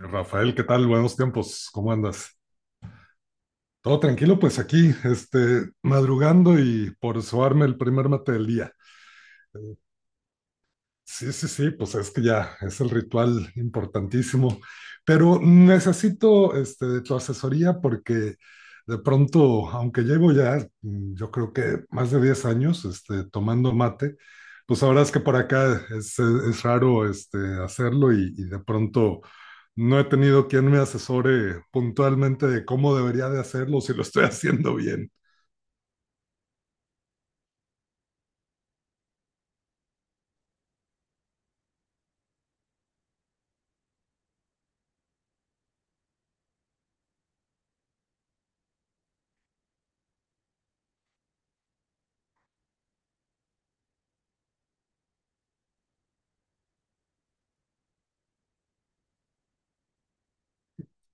Rafael, ¿qué tal? Buenos tiempos, ¿cómo andas? Todo tranquilo, pues aquí, madrugando y por suarme el primer mate del día. Sí, sí, sí, pues es que ya es el ritual importantísimo, pero necesito de tu asesoría porque de pronto, aunque llevo ya, yo creo que más de 10 años tomando mate, pues ahora es que por acá es raro hacerlo y de pronto no he tenido quien me asesore puntualmente de cómo debería de hacerlo, si lo estoy haciendo bien.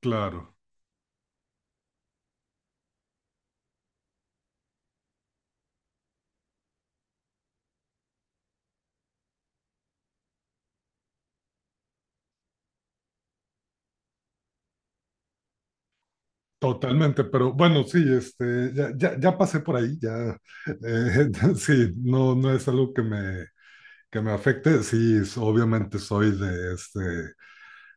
Claro, totalmente, pero bueno, sí, ya pasé por ahí, ya, eh, sí, no, no es algo que que me afecte, sí, obviamente soy de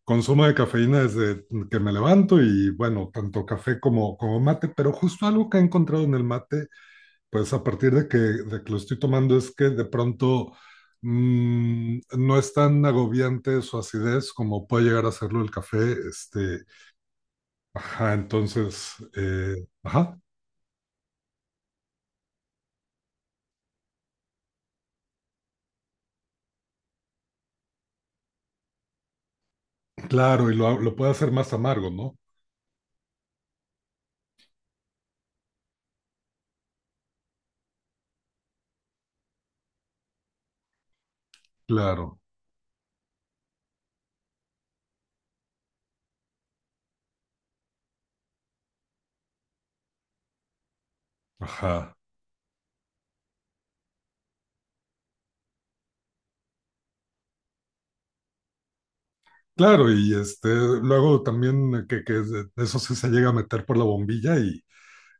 consumo de cafeína desde que me levanto y bueno, tanto café como mate, pero justo algo que he encontrado en el mate, pues a partir de que lo estoy tomando es que de pronto no es tan agobiante su acidez como puede llegar a serlo el café, este, ajá, entonces, ajá, claro, y lo puede hacer más amargo, ¿no? Claro, ajá. Claro, y luego también eso sí se llega a meter por la bombilla y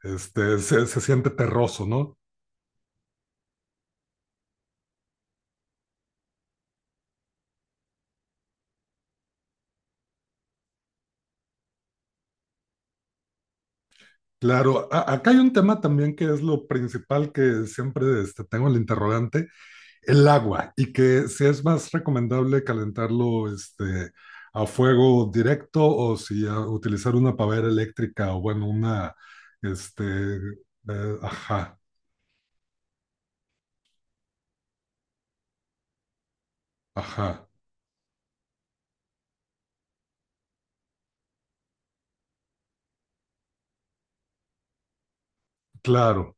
se siente terroso, ¿no? Claro, acá hay un tema también que es lo principal que siempre tengo el interrogante, el agua, y que si es más recomendable calentarlo a fuego directo o si utilizar una pavera eléctrica o bueno, una, este, ajá, ajá, claro.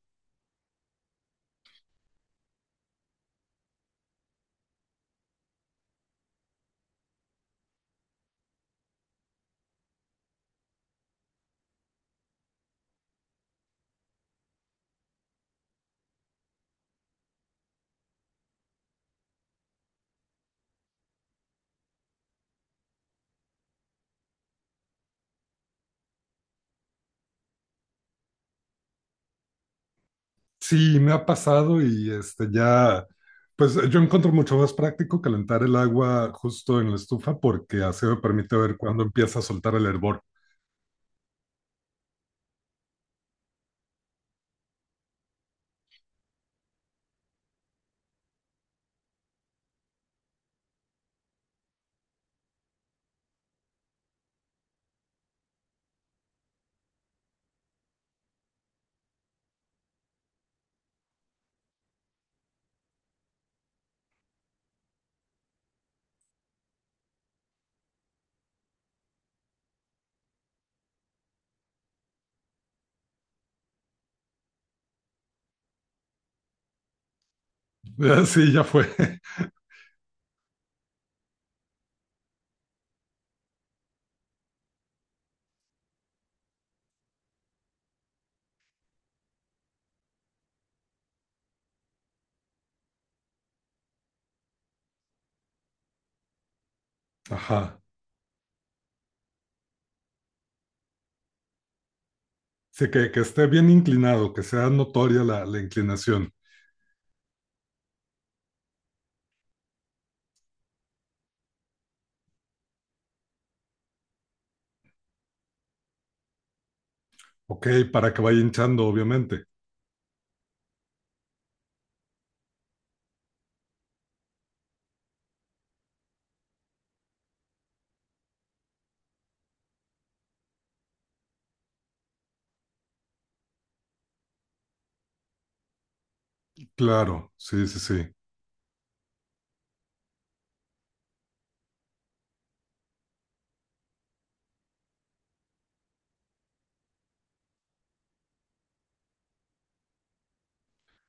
Sí, me ha pasado y este ya, pues yo encuentro mucho más práctico calentar el agua justo en la estufa porque así me permite ver cuándo empieza a soltar el hervor. Sí, ya fue. Ajá. Sí, que esté bien inclinado, que sea notoria la inclinación. Ok, para que vaya hinchando, obviamente. Claro, sí, sí, sí.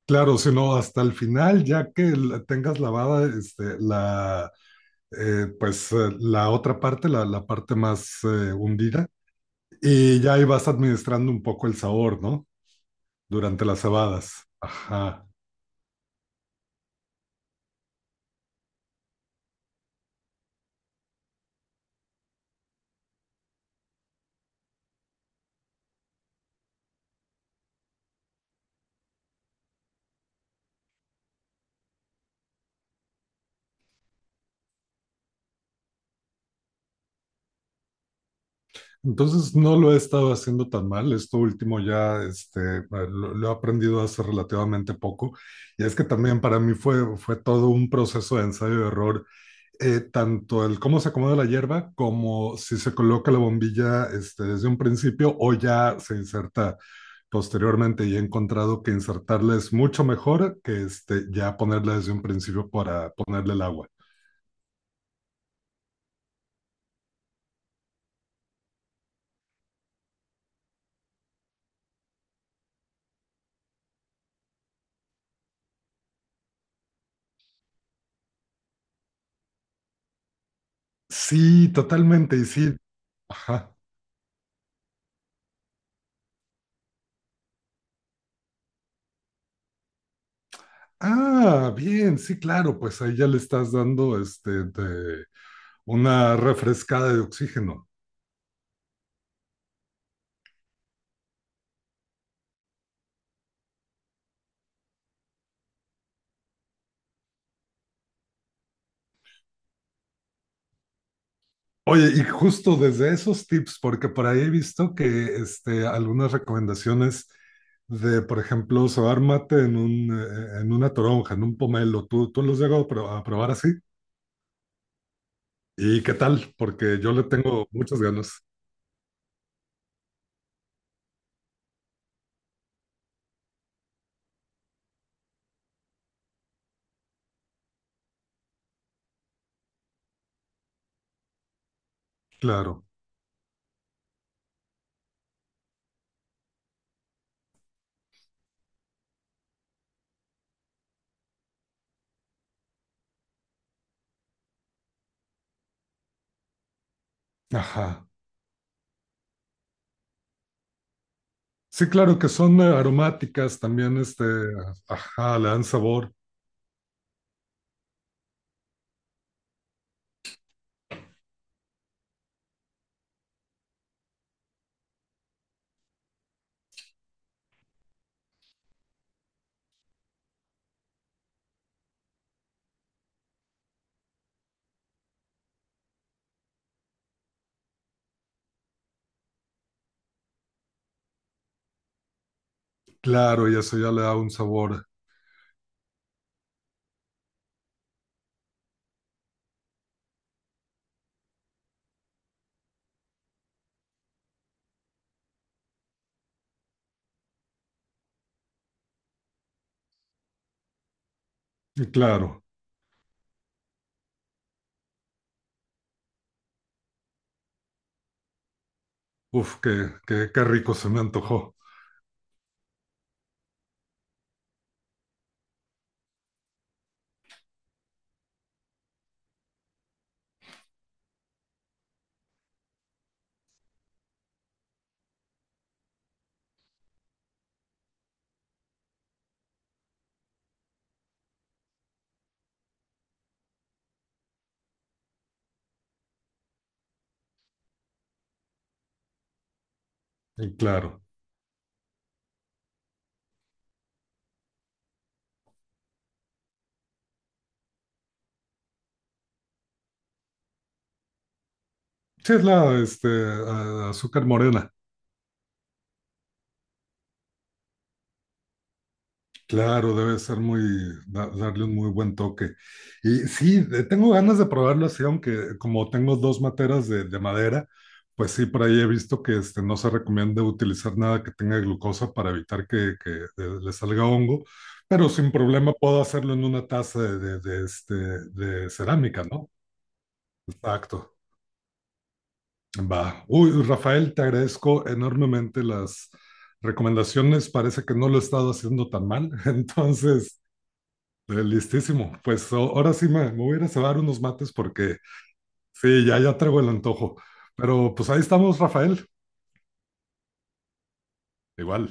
Claro, si no, hasta el final, ya que la tengas lavada, la otra parte, la parte más hundida. Y ya ahí vas administrando un poco el sabor, ¿no? Durante las cebadas. Ajá. Entonces no lo he estado haciendo tan mal. Esto último ya lo he aprendido hace relativamente poco. Y es que también para mí fue todo un proceso de ensayo y error, tanto el cómo se acomoda la hierba como si se coloca la bombilla desde un principio o ya se inserta posteriormente, y he encontrado que insertarla es mucho mejor que ya ponerla desde un principio para ponerle el agua. Sí, totalmente, y sí. Ajá. Ah, bien, sí, claro, pues ahí ya le estás dando una refrescada de oxígeno. Oye, y justo desde esos tips, porque por ahí he visto que algunas recomendaciones de, por ejemplo, sobar mate en un, en una toronja, en un pomelo, tú los llego a a probar así? ¿Y qué tal? Porque yo le tengo muchas ganas. Claro. Ajá. Sí, claro, que son aromáticas también, ajá, le dan sabor, claro, y eso ya le da un sabor, y claro, uf, qué, qué, qué rico se me antojó, y claro. Sí, es la, este, azúcar morena. Claro, debe ser muy, darle un muy buen toque. Y sí, tengo ganas de probarlo así, aunque como tengo dos materas de madera, pues sí, por ahí he visto que no se recomienda utilizar nada que tenga glucosa para evitar le salga hongo, pero sin problema puedo hacerlo en una taza de, de cerámica, ¿no? Exacto. Va. Uy, Rafael, te agradezco enormemente las recomendaciones. Parece que no lo he estado haciendo tan mal, entonces... Listísimo. Pues ahora sí me voy a ir a cebar unos mates porque sí, ya traigo el antojo. Pero pues ahí estamos, Rafael. Igual.